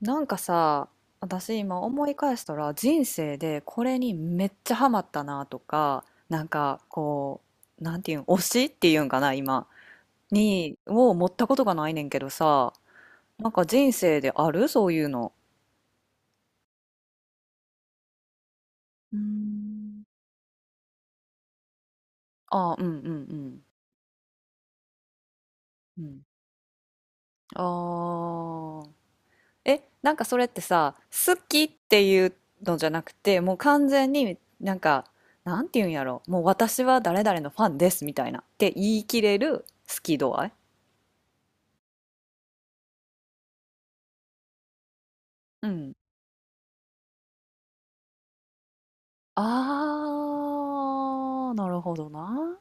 なんかさ、私今思い返したら人生でこれにめっちゃハマったなとか、なんかこう、なんていうん、推しっていうんかな、今、に、を持ったことがないねんけどさ、なんか人生であるそういうの。うーんあうんうんうん。うん。ああ。え、なんかそれってさ、好きっていうのじゃなくて、もう完全になんか、なんて言うんやろ、もう私は誰々のファンですみたいなって言い切れる好き度合い。うん。あー、なるほどな。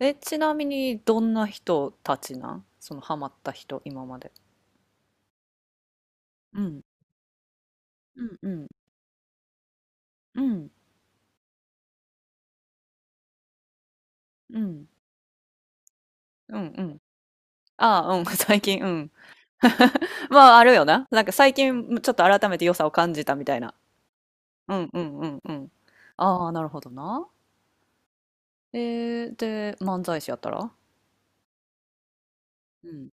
え、ちなみにどんな人たちなんそのハマった人、今まで。うん。うんうんうんうんうんうんああーうん 最近うん まああるよななんか最近ちょっと改めて良さを感じたみたいな。うんうんうんうん。ああ、なるほどな。えで、漫才師やったら、うん。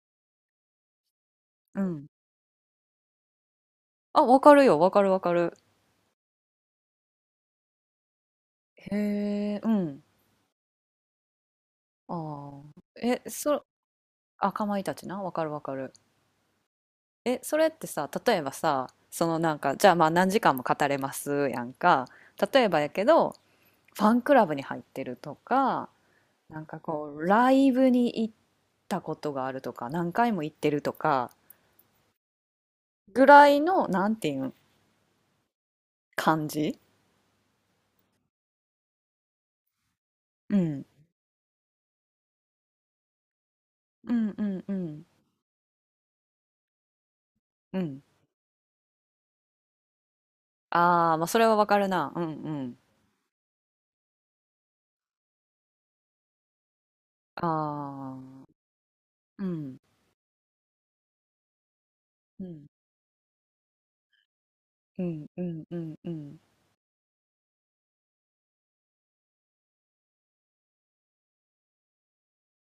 うん。あ、わかるよ。わかるわかる。へえ、うん。ああ。え、あ、かまいたちな。わかるわかる。え、それってさ、例えばさ、そのなんか、じゃあまあ何時間も語れますやんか。例えばやけど、ファンクラブに入ってるとか、なんかこう、ライブに行ったことがあるとか、何回も行ってるとか、ぐらいの、なんていうん、感じ。うん。うんうんうん。うん。ああ、まあ、それはわかるな。うんうん。ああ、うん。うん。うんうんうんうん。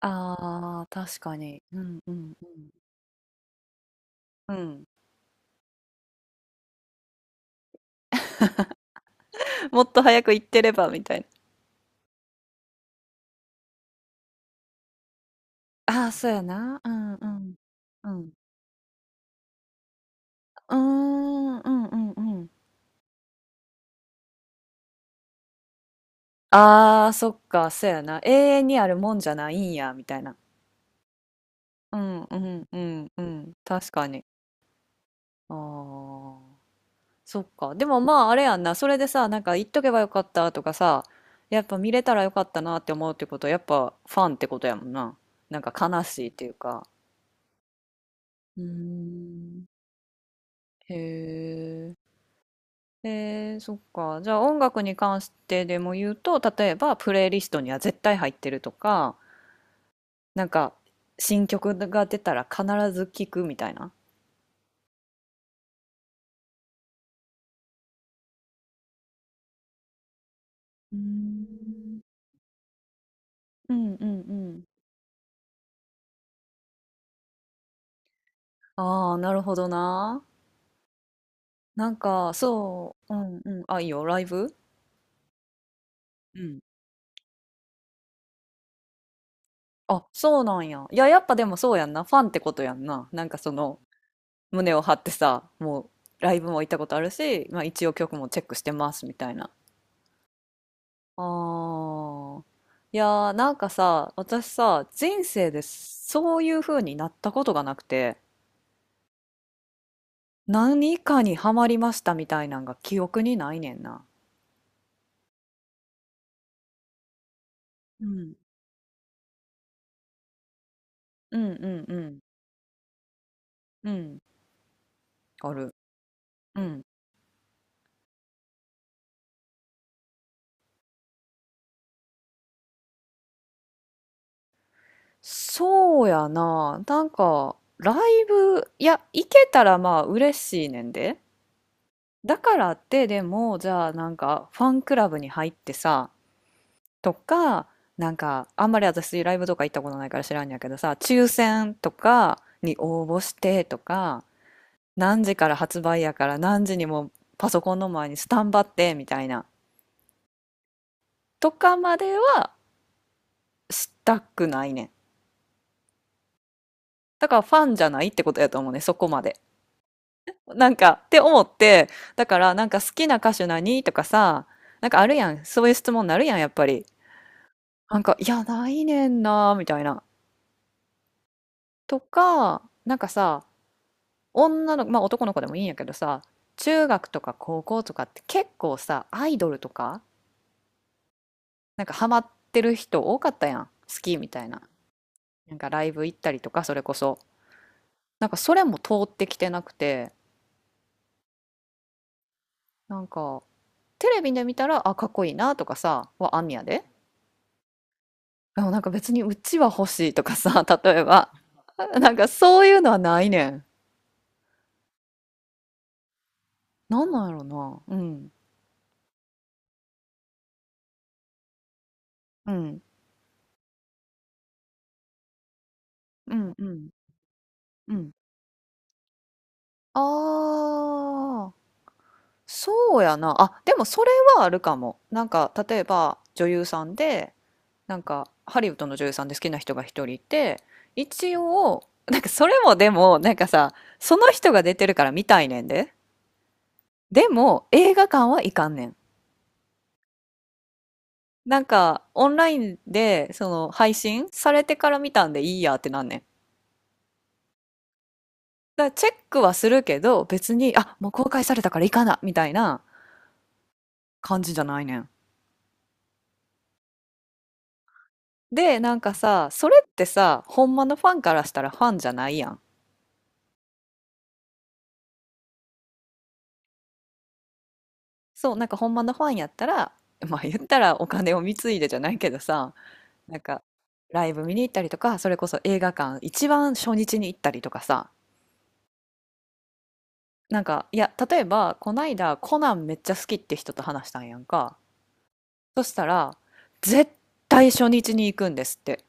ああ、確かに。うんうんうん。うん。もっと早く行ってればみたいな。ああ、そうやな。うんうん。うん。うーん、うんうんうん。ああ、そっか、そうやな。永遠にあるもんじゃないんや、みたいな。うんうんうんうん。確かに。ああ。そっか。でもまああれやんな。それでさ、なんか言っとけばよかったとかさ、やっぱ見れたらよかったなって思うってことは、やっぱファンってことやもんな。なんか悲しいっていうか。うーん。へえ。そっか。じゃあ音楽に関してでも言うと、例えばプレイリストには絶対入ってるとか、なんか新曲が出たら必ず聴くみたいな。うーんうんうんうん。ああ、なるほどな。なんか、そう、うんうん。あ、いいよ、ライブ。うん。あ、そうなんや。いや、やっぱでもそうやんな。ファンってことやんな。なんかその、胸を張ってさ、もう、ライブも行ったことあるし、まあ一応曲もチェックしてます、みたいな。あー。いやー、なんかさ、私さ、人生でそういう風になったことがなくて、何かにハマりましたみたいなんが記憶にないねんな。うん。うんうんうん。うん。ある。うん。そうやな。なんか、ライブ、いや、行けたらまあ嬉しいねんで。だからって、でも、じゃあなんか、ファンクラブに入ってさ、とか、なんか、あんまり私ライブとか行ったことないから知らんやけどさ、抽選とかに応募してとか、何時から発売やから何時にもパソコンの前にスタンバってみたいな、とかまではしたくないねん。だからファンじゃないってことやと思うね、そこまで。なんか、って思って、だからなんか好きな歌手何とかさ、なんかあるやん。そういう質問になるやん、やっぱり。なんか、いや、ないねんな、みたいな。とか、なんかさ、女の子、まあ男の子でもいいんやけどさ、中学とか高校とかって結構さ、アイドルとか、なんかハマってる人多かったやん。好きみたいな。なんかライブ行ったりとか、それこそ。なんかそれも通ってきてなくて、なんか、テレビで見たら、あ、かっこいいなとかさ、はあんねやで。でもなんか別にうちは欲しいとかさ、例えば。なんかそういうのはないねん。なんなんやろな。うん。うん。うん。うん。うん。ああ、そうやな。あ、でもそれはあるかも。なんか例えば女優さんで、なんかハリウッドの女優さんで好きな人が一人いて、一応、なんかそれもでも、なんかさ、その人が出てるから見たいねんで。でも映画館は行かんねん。なんか、オンラインで、その、配信されてから見たんでいいやってなんねん。だからチェックはするけど、別に、あ、もう公開されたから行かな、みたいな感じじゃないねん。で、なんかさ、それってさ、ほんまのファンからしたらファンじゃないやん。そう、なんかほんまのファンやったら、まあ言ったらお金を貢いでじゃないけどさ、なんか、ライブ見に行ったりとか、それこそ映画館、一番初日に行ったりとかさ、なんか、いや、例えば、こないだコナンめっちゃ好きって人と話したんやんか。そしたら、絶対初日に行くんですって。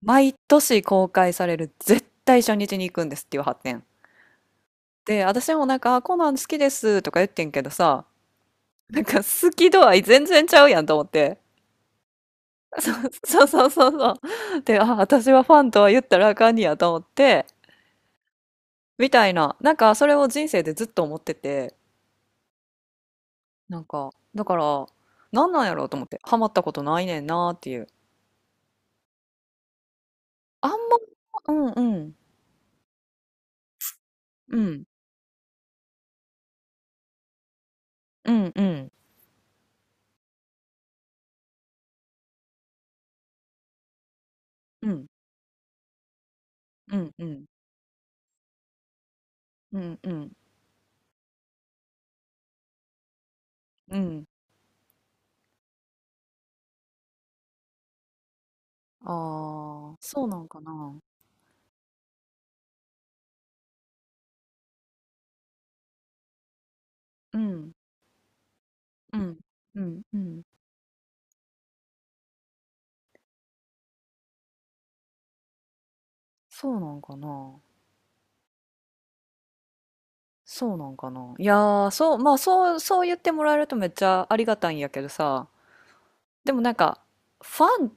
毎年公開される絶対初日に行くんですっていう発展。で、私もなんか、あこナな好きですとか言ってんけどさ、なんか好き度合い全然ちゃうやんと思って。そうそうそうそうそう。で、あ、私はファンとは言ったらあかんにやと思って、みたいな、なんかそれを人生でずっと思ってて、なんか、だから、なんなんやろうと思って、ハマったことないねんなーっていう。あんま、うんうん、うん、うんうん、うん。うんうん。うんうん。うん。ああー、そうなんかな。うん。うん。うんうん。そうなんかな。そうなんかな。いやー、そう、まあそう、そう言ってもらえるとめっちゃありがたいんやけどさ、でもなんか、ファン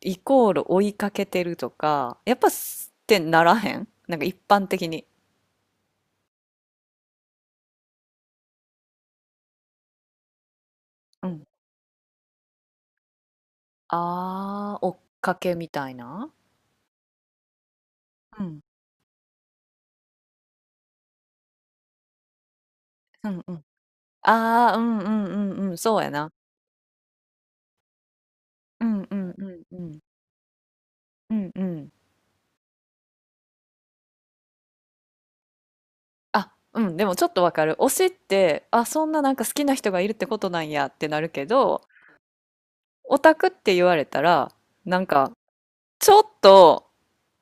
イコール追いかけてるとか、やっぱすってならへんなんか一般的に。うんあー、追っかけみたいな。うんうんうん。ああうんうんうんうん、そうやな。うんうんうんうん。うんうん。あ、うん、でもちょっとわかる。推しって、あ、そんななんか好きな人がいるってことなんやってなるけど、オタクって言われたら、なんか、ちょっと、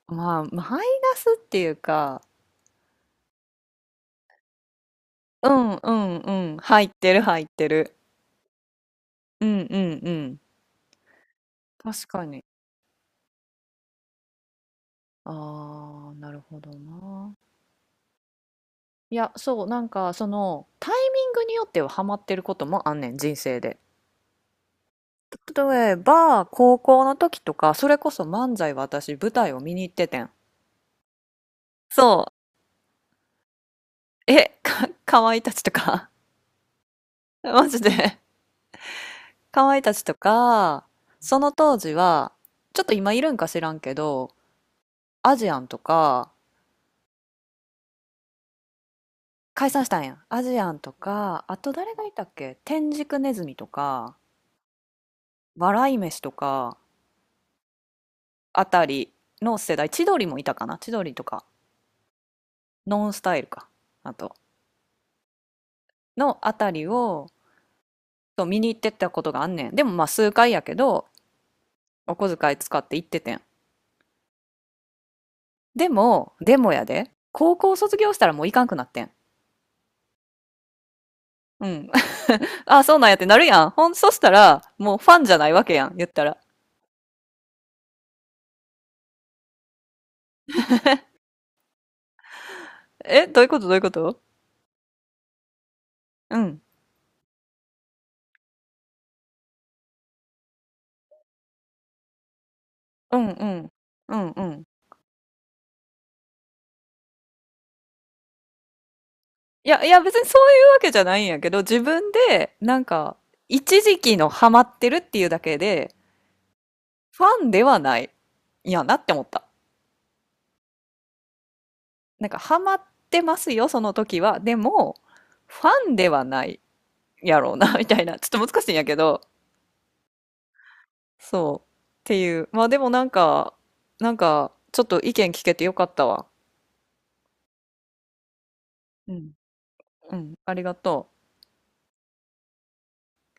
まあ、マイナスっていうか、うんうんうん、入ってる入ってる。うんうんうん。確かに。ああ、なるほどな。いや、そう、なんか、その、タイミングによってはハマってることもあんねん、人生で。例えば、高校の時とか、それこそ漫才は私、舞台を見に行っててん。そうえ、かわいたちとか マジでかわいたちとか、その当時は、ちょっと今いるんか知らんけど、アジアンとか、解散したんやん。アジアンとか、あと誰がいたっけ天竺ネズミとか、笑い飯とか、あたりの世代、千鳥もいたかな千鳥とか、ノンスタイルか。あと、のあたりを、そう見に行ってったことがあんねん。でもまあ数回やけど、お小遣い使って行っててん。でもやで、高校卒業したらもういかんくなってん。うん。あ、そうなんやってなるやん。そしたら、もうファンじゃないわけやん、言ったら。え、どういうことどういうこと。うん。うんうん。うんうん。いや、いや別にそういうわけじゃないんやけど、自分で、なんか、一時期のハマってるっていうだけで、ファンではない、いやなって思った。なんか、ハマってますよ、その時は。でも、ファンではないやろうな、みたいな。ちょっと難しいんやけど、そう。っていう。まあでもなんか、なんか、ちょっと意見聞けてよかったわ。うん。うん。ありがとう。